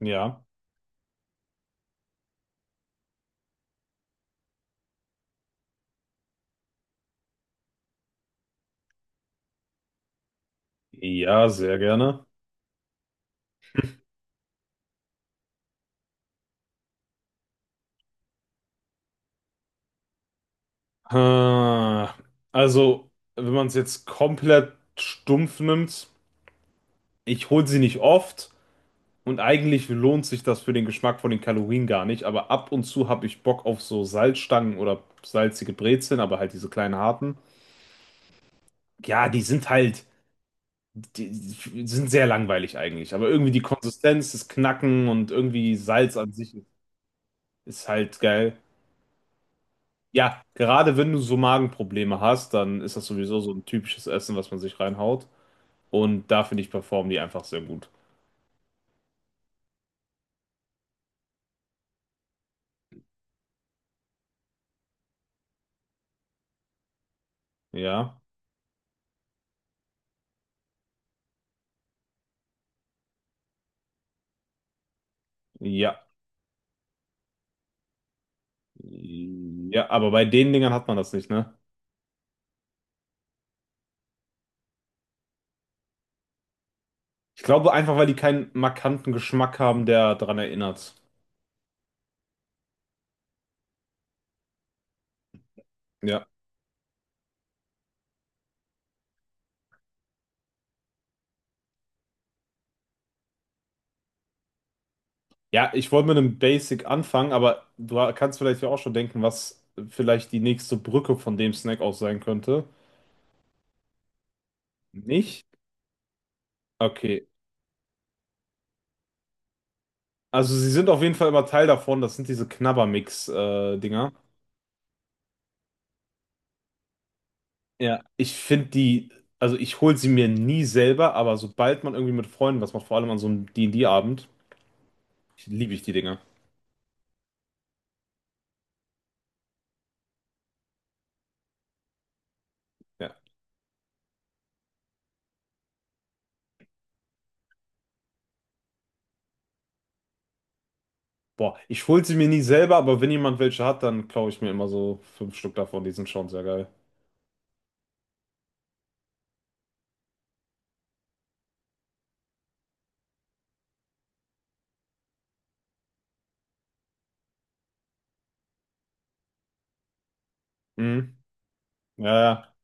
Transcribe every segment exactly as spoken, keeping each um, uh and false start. Ja, ja, sehr gerne. Ah, Also, wenn man es jetzt komplett stumpf nimmt, ich hole sie nicht oft und eigentlich lohnt sich das für den Geschmack von den Kalorien gar nicht, aber ab und zu habe ich Bock auf so Salzstangen oder salzige Brezeln, aber halt diese kleinen harten. Ja, die sind halt, die die sind sehr langweilig eigentlich, aber irgendwie die Konsistenz, das Knacken und irgendwie Salz an sich ist halt geil. Ja, gerade wenn du so Magenprobleme hast, dann ist das sowieso so ein typisches Essen, was man sich reinhaut. Und da finde ich, performen die einfach sehr gut. Ja, ja, ja, aber bei den Dingern hat man das nicht, ne? Ich glaube einfach, weil die keinen markanten Geschmack haben, der daran erinnert. Ja. Ja, ich wollte mit einem Basic anfangen, aber du kannst vielleicht ja auch schon denken, was vielleicht die nächste Brücke von dem Snack aus sein könnte. Nicht? Okay. Also sie sind auf jeden Fall immer Teil davon. Das sind diese Knabbermix-Dinger. Ja, ich finde die, also ich hole sie mir nie selber, aber sobald man irgendwie mit Freunden was macht, vor allem an so einem D and D-Abend, liebe ich die Dinger. Ja. Boah, ich hole sie mir nie selber, aber wenn jemand welche hat, dann klaue ich mir immer so fünf Stück davon. Die sind schon sehr geil. Mhm. Ja, ja.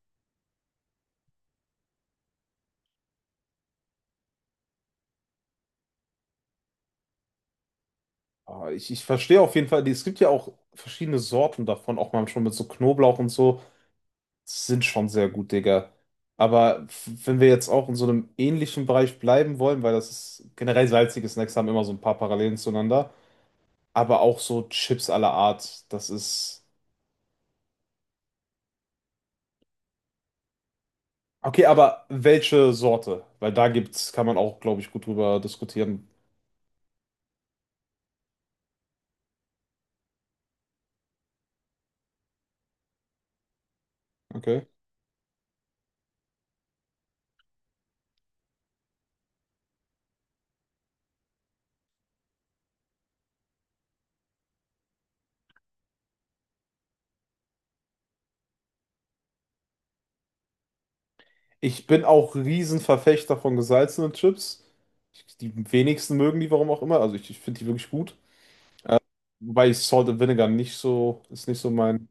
Aber ich, ich verstehe auf jeden Fall, die- es gibt ja auch verschiedene Sorten davon, auch mal schon mit so Knoblauch und so. Sind schon sehr gut, Digga. Aber f- wenn wir jetzt auch in so einem ähnlichen Bereich bleiben wollen, weil das ist generell salzige Snacks haben immer so ein paar Parallelen zueinander. Aber auch so Chips aller Art. Das ist. Okay, aber welche Sorte? Weil da gibt's, kann man auch, glaube ich, gut drüber diskutieren. Okay. Ich bin auch Riesenverfechter von gesalzenen Chips. Ich- die wenigsten mögen die, warum auch immer. Also ich, ich finde die wirklich gut. Wobei ich Salt and Vinegar nicht so, ist nicht so mein.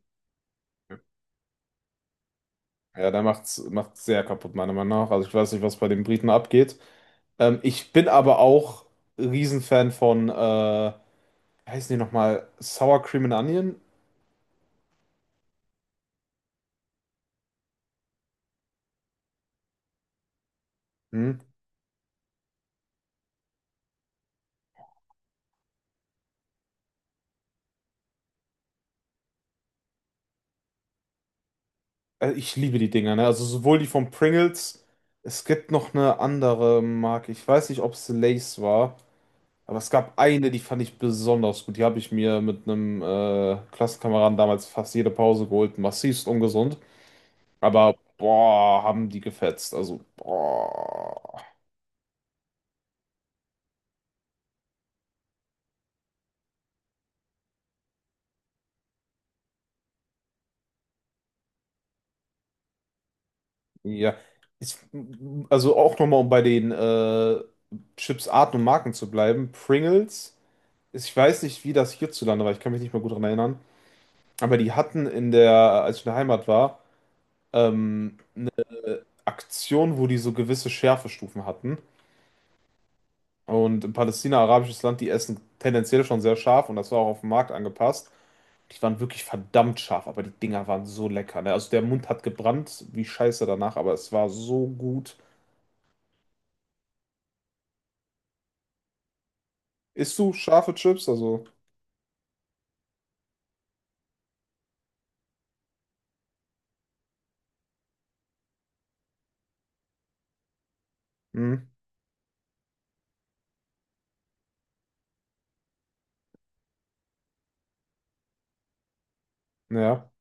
Ja, da macht's, macht's sehr kaputt, meiner Meinung nach. Also ich weiß nicht, was bei den Briten abgeht. Ähm, ich bin aber auch Riesenfan von, äh, wie heißen die nochmal? Sour Cream and Onion? Hm? Äh, Ich liebe die Dinger, ne? Also sowohl die von Pringles, es gibt noch eine andere Marke. Ich weiß nicht, ob es Lay's war, aber es gab eine, die fand ich besonders gut. Die habe ich mir mit einem äh, Klassenkameraden damals fast jede Pause geholt. Massivst ungesund. Aber boah, haben die gefetzt. Also boah. Ja. Ich, also auch nochmal, um bei den äh, Chips Arten und Marken zu bleiben. Pringles, ist- ich weiß nicht, wie das hierzulande war. Ich kann mich nicht mehr gut daran erinnern. Aber die hatten in der, als ich in der Heimat war, ähm, Aktionen, wo die so gewisse Schärfestufen hatten. Und in Palästina, arabisches Land, die essen tendenziell schon sehr scharf und das war auch auf den Markt angepasst. Die waren wirklich verdammt scharf, aber die Dinger waren so lecker. Ne? Also der Mund hat gebrannt wie Scheiße danach, aber es war so gut. Isst du scharfe Chips? Also, hm, ja,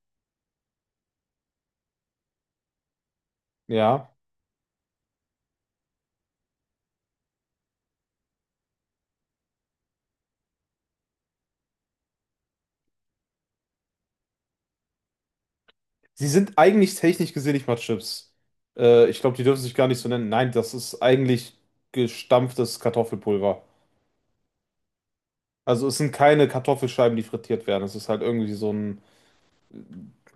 ja. Sie sind eigentlich technisch gesehen nicht mal Chips. Äh, ich glaube, die dürfen sich gar nicht so nennen. Nein, das ist eigentlich gestampftes Kartoffelpulver. Also es sind keine Kartoffelscheiben, die frittiert werden. Es ist halt irgendwie so ein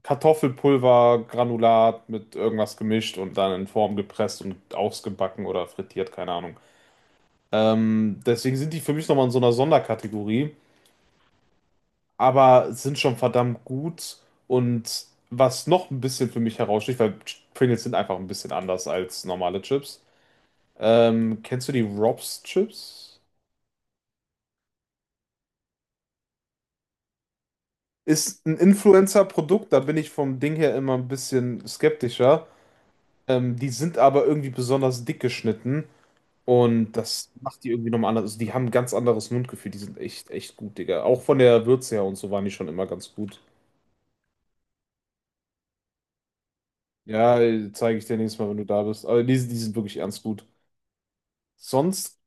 Kartoffelpulvergranulat mit irgendwas gemischt und dann in Form gepresst und ausgebacken oder frittiert, keine Ahnung. Ähm, deswegen sind die für mich nochmal in so einer Sonderkategorie, aber sind schon verdammt gut. Und was noch ein bisschen für mich heraussticht, weil Pringles sind einfach ein bisschen anders als normale Chips. Ähm, kennst du die Rob's Chips? Ist ein Influencer-Produkt, da bin ich vom Ding her immer ein bisschen skeptischer. Ähm, die sind aber irgendwie besonders dick geschnitten und das macht die irgendwie nochmal anders. Also die haben ein ganz anderes Mundgefühl. Die sind echt, echt gut, Digga. Auch von der Würze her und so waren die schon immer ganz gut. Ja, zeige ich dir nächstes Mal, wenn du da bist. Aber die, die sind wirklich ernst gut. Sonst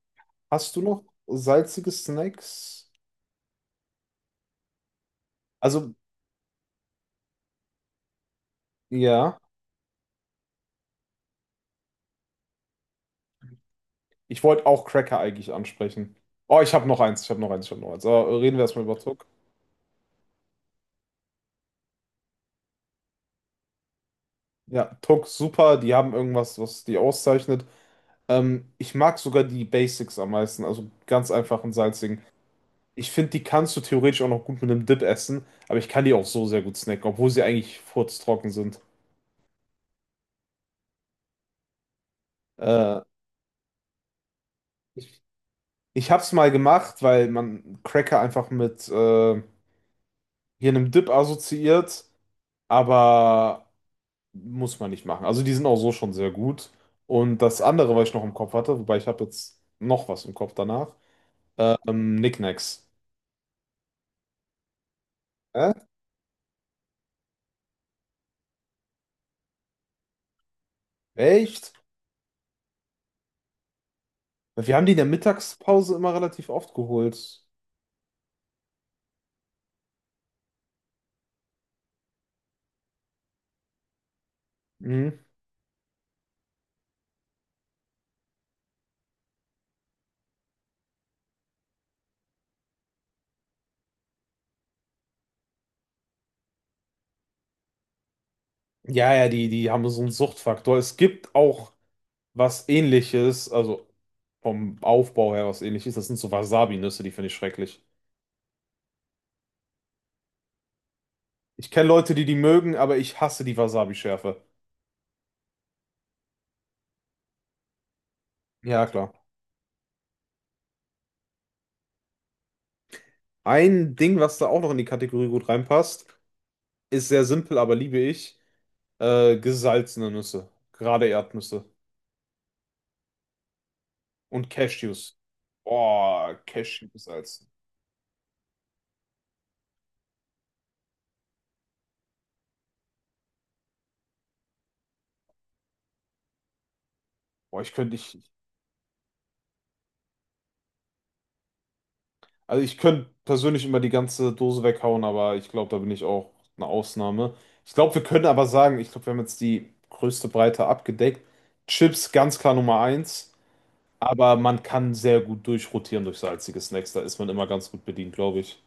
hast du noch salzige Snacks? Also, ja. Ich wollte auch Cracker eigentlich ansprechen. Oh, ich habe noch eins, ich habe noch eins, ich habe noch eins. Aber reden wir erstmal über Tuck. Ja, Tuck, super. Die haben irgendwas, was die auszeichnet. Ähm, ich mag sogar die Basics am meisten, also ganz einfachen salzigen. Ich finde, die kannst du theoretisch auch noch gut mit einem Dip essen, aber ich kann die auch so sehr gut snacken, obwohl sie eigentlich furztrocken sind. Äh, ich ich habe es mal gemacht, weil man Cracker einfach mit äh, hier einem Dip assoziiert, aber muss man nicht machen. Also die sind auch so schon sehr gut. Und das andere, was ich noch im Kopf hatte, wobei ich habe jetzt noch was im Kopf danach, ähm, Knickknacks. Hä? Echt? Wir haben die in der Mittagspause immer relativ oft geholt. Mhm. Ja, ja, die, die haben so einen Suchtfaktor. Es gibt auch was Ähnliches, also vom Aufbau her was Ähnliches. Das sind so Wasabi-Nüsse, die finde ich schrecklich. Ich kenne Leute, die die mögen, aber ich hasse die Wasabi-Schärfe. Ja, klar. Ein Ding, was da auch noch in die Kategorie gut reinpasst, ist sehr simpel, aber liebe ich. Äh, gesalzene Nüsse. Gerade Erdnüsse. Und Cashews. Boah, Cashew gesalzen. Boah, ich könnte nicht. Also ich könnte persönlich immer die ganze Dose weghauen, aber ich glaube, da bin ich auch eine Ausnahme. Ich glaube, wir können aber sagen, ich glaube, wir haben jetzt die größte Breite abgedeckt. Chips ganz klar Nummer eins, aber man kann sehr gut durchrotieren durch salzige Snacks. Da ist man immer ganz gut bedient, glaube ich.